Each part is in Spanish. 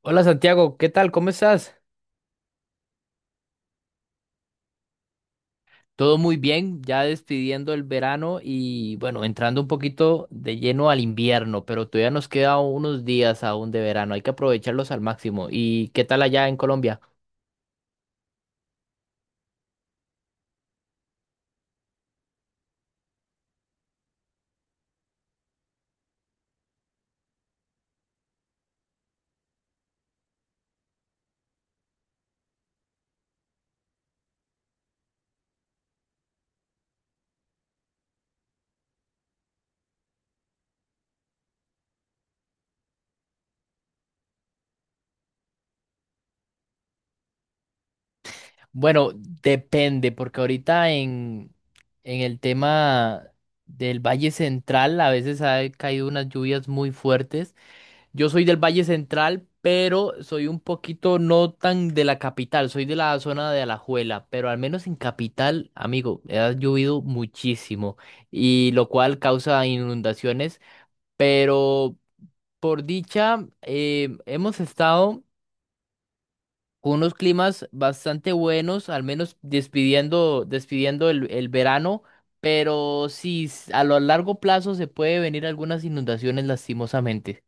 Hola Santiago, ¿qué tal? ¿Cómo estás? Todo muy bien, ya despidiendo el verano y bueno, entrando un poquito de lleno al invierno, pero todavía nos quedan unos días aún de verano, hay que aprovecharlos al máximo. ¿Y qué tal allá en Colombia? Bueno, depende, porque ahorita en el tema del Valle Central a veces ha caído unas lluvias muy fuertes. Yo soy del Valle Central, pero soy un poquito no tan de la capital, soy de la zona de Alajuela, pero al menos en capital, amigo, ha llovido muchísimo y lo cual causa inundaciones, pero por dicha hemos estado con unos climas bastante buenos, al menos despidiendo el verano, pero sí, a lo largo plazo se puede venir algunas inundaciones lastimosamente.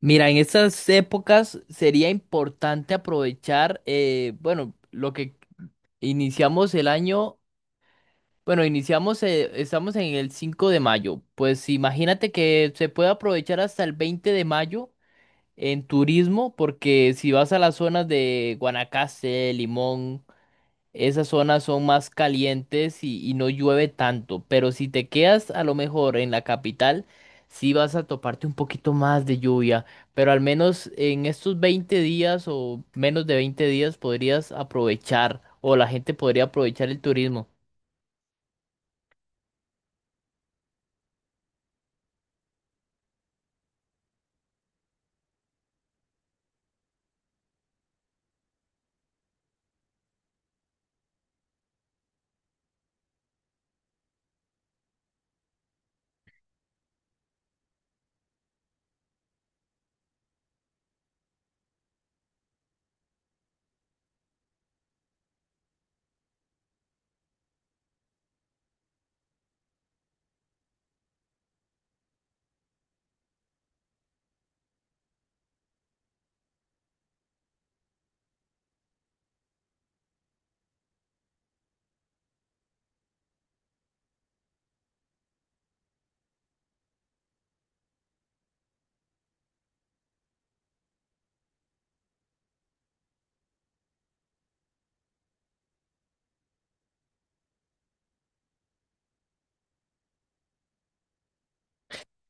Mira, en estas épocas sería importante aprovechar, bueno, lo que iniciamos el año, bueno, iniciamos, estamos en el 5 de mayo, pues imagínate que se puede aprovechar hasta el 20 de mayo en turismo, porque si vas a las zonas de Guanacaste, Limón, esas zonas son más calientes y no llueve tanto, pero si te quedas a lo mejor en la capital, sí vas a toparte un poquito más de lluvia, pero al menos en estos 20 días o menos de 20 días podrías aprovechar o la gente podría aprovechar el turismo.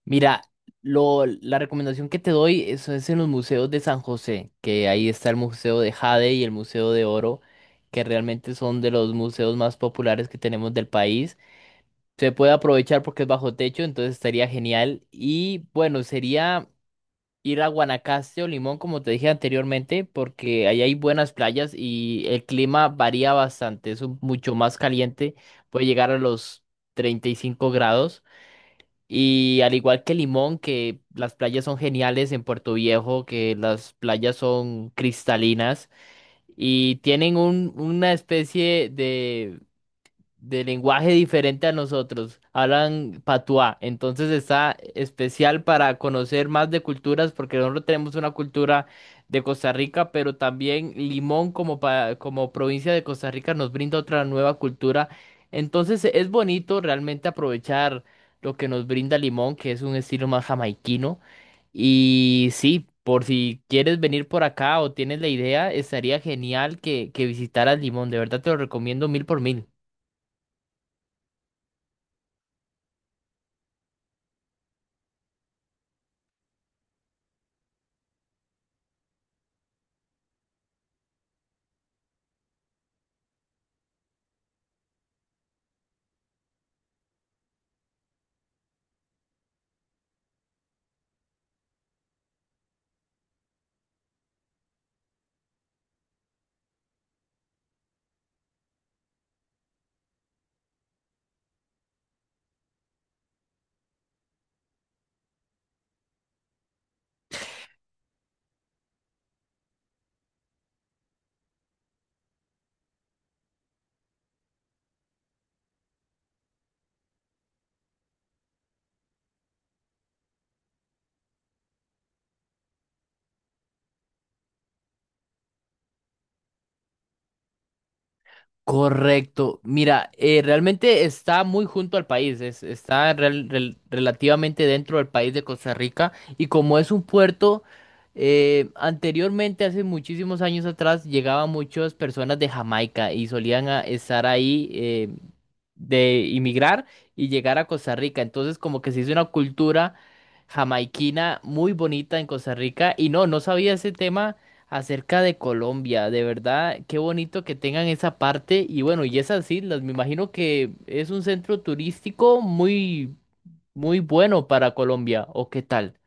Mira, la recomendación que te doy eso es en los museos de San José, que ahí está el Museo de Jade y el Museo de Oro, que realmente son de los museos más populares que tenemos del país. Se puede aprovechar porque es bajo techo, entonces estaría genial. Y bueno, sería ir a Guanacaste o Limón, como te dije anteriormente, porque ahí hay buenas playas y el clima varía bastante, mucho más caliente, puede llegar a los 35 grados. Y al igual que Limón, que las playas son geniales en Puerto Viejo, que las playas son cristalinas y tienen una especie de lenguaje diferente a nosotros. Hablan patuá. Entonces está especial para conocer más de culturas porque nosotros tenemos una cultura de Costa Rica, pero también Limón como, como provincia de Costa Rica nos brinda otra nueva cultura. Entonces es bonito realmente aprovechar lo que nos brinda Limón, que es un estilo más jamaiquino. Y sí. Por si quieres venir por acá o tienes la idea, estaría genial que visitaras Limón. De verdad te lo recomiendo mil por mil. Correcto. Mira, realmente está muy junto al país, relativamente dentro del país de Costa Rica y como es un puerto, anteriormente, hace muchísimos años atrás, llegaban muchas personas de Jamaica y solían estar ahí. De inmigrar y llegar a Costa Rica. Entonces, como que se hizo una cultura jamaiquina muy bonita en Costa Rica. Y no, no sabía ese tema acerca de Colombia. De verdad, qué bonito que tengan esa parte. Y bueno, y esas islas, me imagino que es un centro turístico muy, muy bueno para Colombia. ¿O qué tal?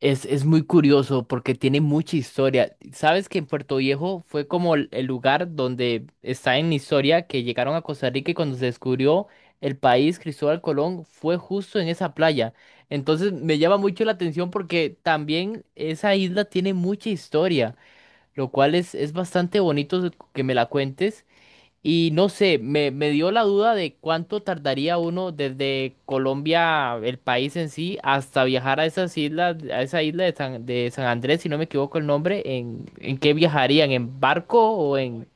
Es muy curioso porque tiene mucha historia. ¿Sabes que en Puerto Viejo fue como el lugar donde está en historia que llegaron a Costa Rica y cuando se descubrió el país, Cristóbal Colón fue justo en esa playa? Entonces me llama mucho la atención porque también esa isla tiene mucha historia, lo cual es bastante bonito que me la cuentes. Y no sé, me dio la duda de cuánto tardaría uno desde Colombia, el país en sí, hasta viajar a esas islas, a esa isla de San Andrés, si no me equivoco el nombre, en qué viajarían, en barco o en...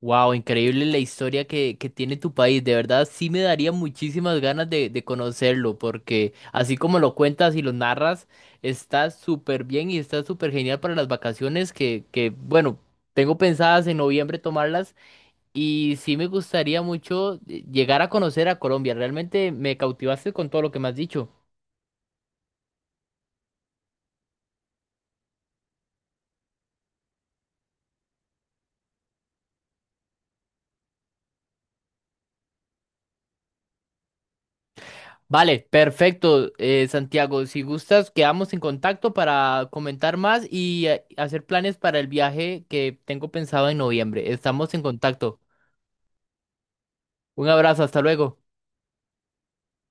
Wow, increíble la historia que tiene tu país. De verdad, sí me daría muchísimas ganas de conocerlo, porque así como lo cuentas y lo narras, está súper bien y está súper genial para las vacaciones que, bueno, tengo pensadas en noviembre tomarlas. Y sí me gustaría mucho llegar a conocer a Colombia. Realmente me cautivaste con todo lo que me has dicho. Vale, perfecto, Santiago. Si gustas, quedamos en contacto para comentar más y hacer planes para el viaje que tengo pensado en noviembre. Estamos en contacto. Un abrazo, hasta luego.